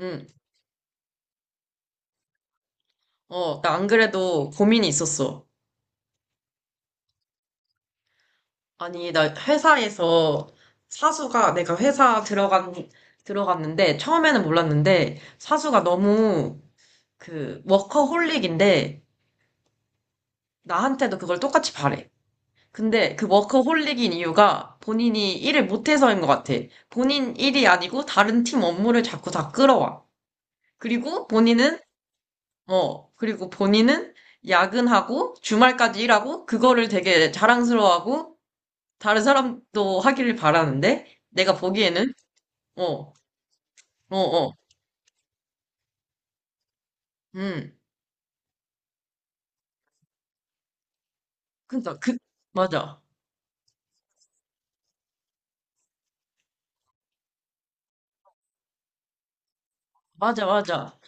응, 어, 나 안 그래도 고민이 있었어. 아니, 나 회사에서 사수가 내가 회사 들어간, 들어갔는데, 처음에는 몰랐는데, 사수가 너무 워커홀릭인데, 나한테도 그걸 똑같이 바래. 근데 그 워커홀릭인 이유가 본인이 일을 못해서인 것 같아. 본인 일이 아니고 다른 팀 업무를 자꾸 다 끌어와. 그리고 본인은, 그리고 본인은 야근하고 주말까지 일하고 그거를 되게 자랑스러워하고 다른 사람도 하기를 바라는데, 내가 보기에는, 어, 어, 어, 음. 그니까, 그, 맞아. 맞아, 맞아.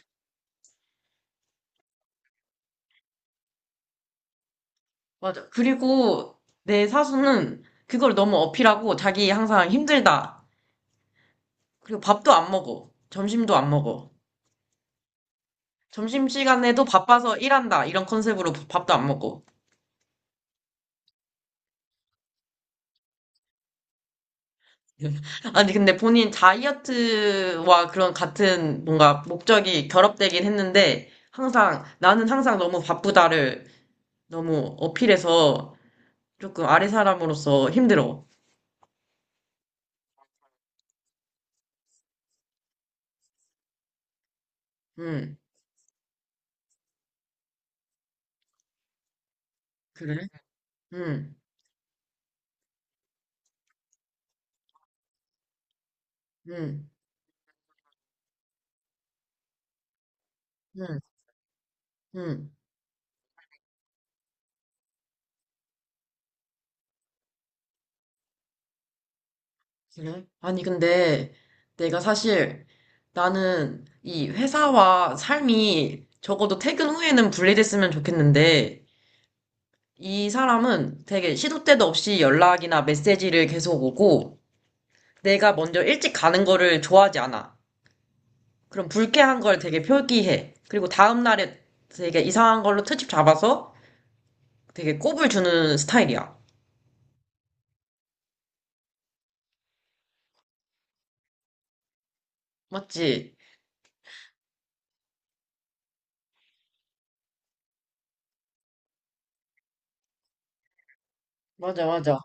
맞아. 그리고 내 사수는 그걸 너무 어필하고 자기 항상 힘들다. 그리고 밥도 안 먹어. 점심도 안 먹어. 점심시간에도 바빠서 일한다. 이런 컨셉으로 밥도 안 먹고. 아니, 근데 본인 다이어트와 그런 같은 뭔가 목적이 결합되긴 했는데, 나는 항상 너무 바쁘다를 너무 어필해서 조금 아래 사람으로서 힘들어. 응, 그래? 응, 응, 응, 응, 그래? 아니, 근데 내가 사실 나는 이 회사와 삶이 적어도 퇴근 후에는 분리됐으면 좋겠는데 이 사람은 되게 시도 때도 없이 연락이나 메시지를 계속 오고 내가 먼저 일찍 가는 거를 좋아하지 않아. 그럼 불쾌한 걸 되게 표기해. 그리고 다음 날에 되게 이상한 걸로 트집 잡아서 되게 꼽을 주는 스타일이야. 맞지? 맞아, 맞아.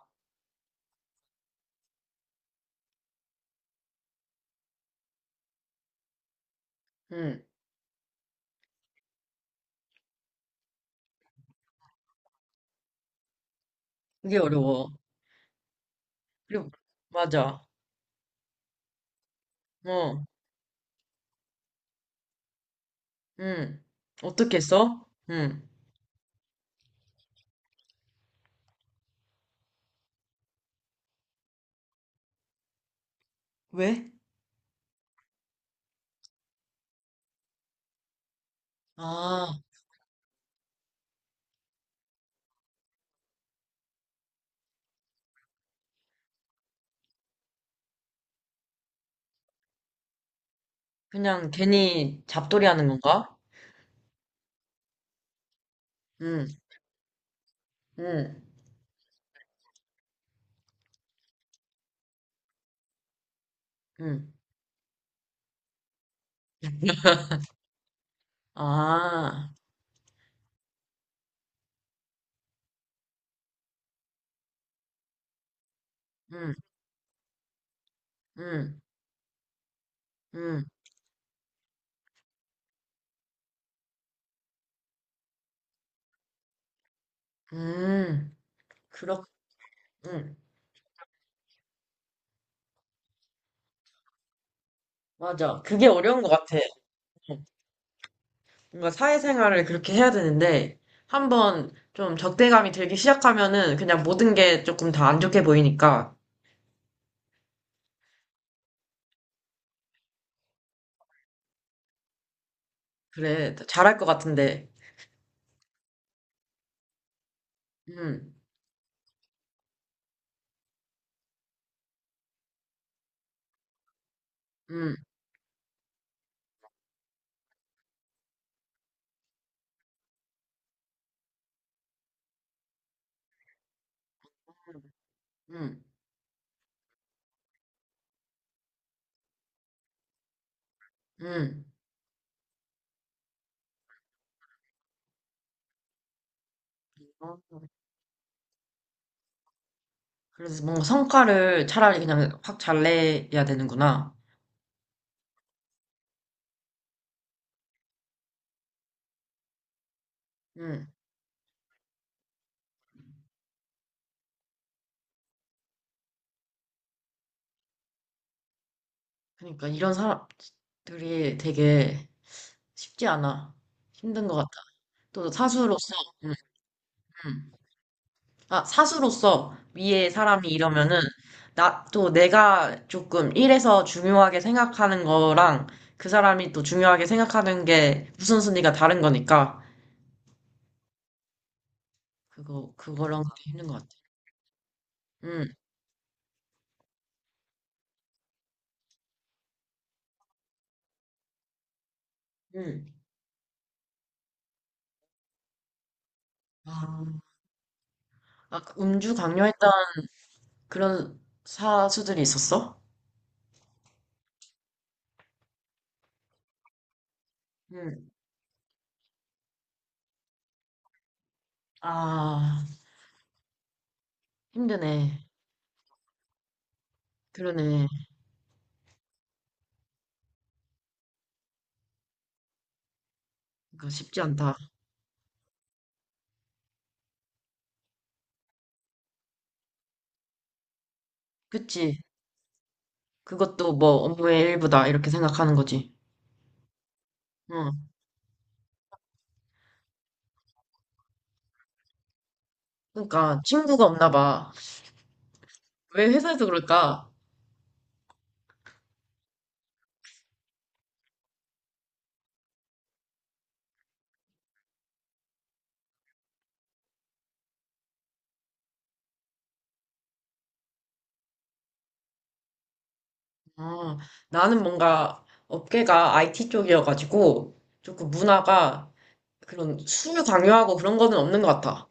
응. 그게 어려워. 그리고, 맞아. 어, 응. 어떻게 했어? 응. 왜? 아, 그냥 괜히 잡돌이 하는 건가? 응, 응, 응. 아, 응, 응, 응, 응. 그렇, 응. 맞아. 그게 어려운 것 같아. 뭔가 사회생활을 그렇게 해야 되는데, 한번 좀 적대감이 들기 시작하면은 그냥 모든 게 조금 다 안 좋게 보이니까 그래. 잘할 것 같은데. 음. 음. 음. 음. 어. 그래서 뭔가 성과를 차라리 그냥 확 잘 내야 되는구나. 음. 그러니까 이런 사람들이 되게 쉽지 않아. 힘든 것 같아. 또 사수로서, 음, 음. 아, 사수로서 위에 사람이 이러면은, 또 내가 조금 일에서 중요하게 생각하는 거랑 그 사람이 또 중요하게 생각하는 게 우선순위가 다른 거니까, 그거랑 되게 힘든 것 같아. 응, 응, 아, 아, 그 음주 강요했던 그런 사수들이 있었어? 응, 아, 힘드네. 그러네. 그거 쉽지 않다. 그치? 그것도 뭐 업무의 일부다. 이렇게 생각하는 거지. 응. 그러니까 친구가 없나 봐. 왜 회사에서 그럴까? 아, 나는 뭔가 업계가 IT 쪽이어가지고 조금 문화가 그런 술 강요하고 그런 거는 없는 것 같아.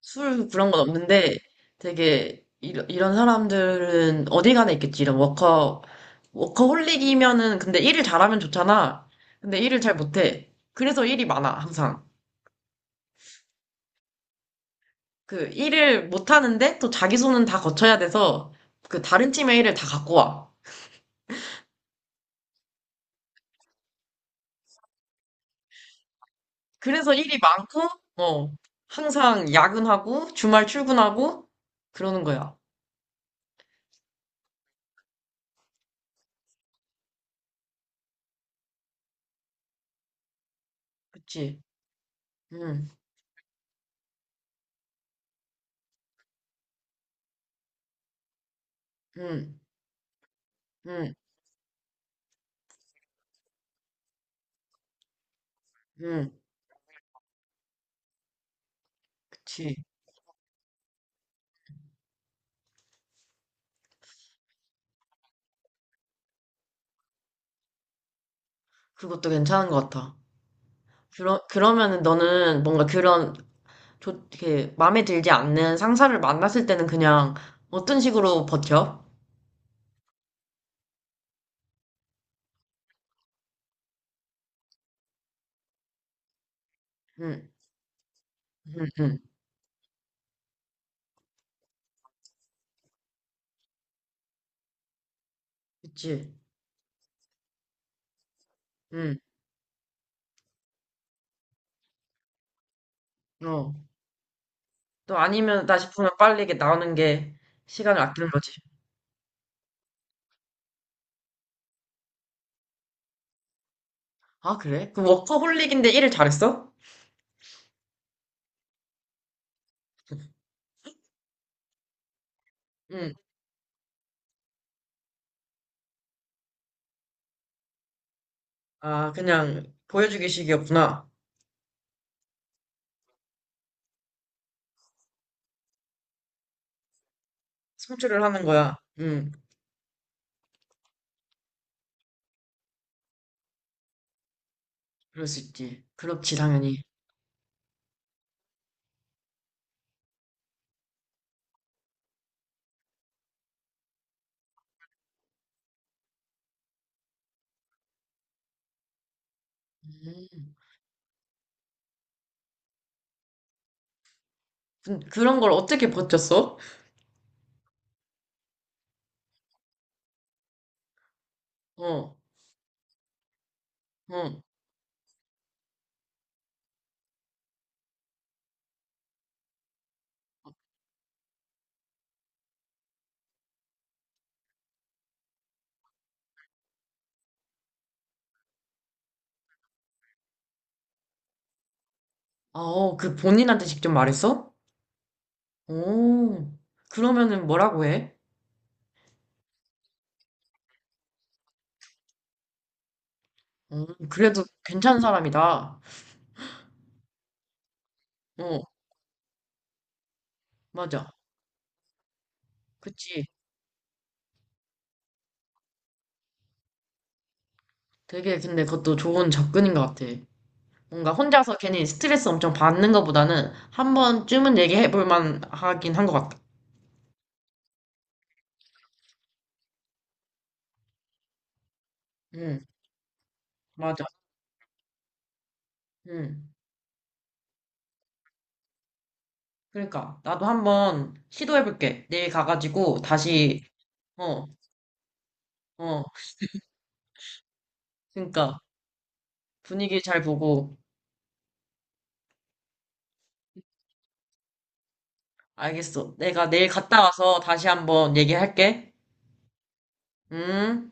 술 그런 건 없는데 되게 이런 사람들은 어디 가나 있겠지. 워커홀릭이면은 근데 일을 잘하면 좋잖아. 근데 일을 잘 못해. 그래서 일이 많아, 항상. 그 일을 못하는데 또 자기 손은 다 거쳐야 돼서 그 다른 팀의 일을 다 갖고 와. 그래서 일이 많고, 어, 항상 야근하고 주말 출근하고 그러는 거야. 그치? 응, 응, 응, 응, 그치. 그것도 괜찮은 것 같아. 그러면은 너는 뭔가 그런 이렇게 마음에 들지 않는 상사를 만났을 때는 그냥 어떤 식으로 버텨? 응, 응, 응. 그치. 응, 어. 또 아니면 나 싶으면 빨리 이게 나오는 게 시간을 아끼는 거지. 아, 그래? 그 워커홀릭인데 일을 잘했어? 응. 아, 그냥 보여주기식이었구나. 성취를 하는 거야. 응, 그럴 수 있지. 그렇지, 당연히. 음. 그런 걸 어떻게 버텼어? 어, 어. 아, 어, 그 본인한테 직접 말했어? 오, 그러면은 뭐라고 해? 어, 그래도 괜찮은 사람이다. 어, 맞아. 그치. 되게 근데 그것도 좋은 접근인 것 같아. 뭔가 혼자서 괜히 스트레스 엄청 받는 것보다는 한 번쯤은 얘기해 볼 만하긴 한 것 같다. 응, 맞아. 응. 그러니까 나도 한 번 시도해 볼게. 내일 가가지고 다시 어, 어. 그러니까 분위기 잘 보고 알겠어. 내가 내일 갔다 와서 다시 한번 얘기할게. 응?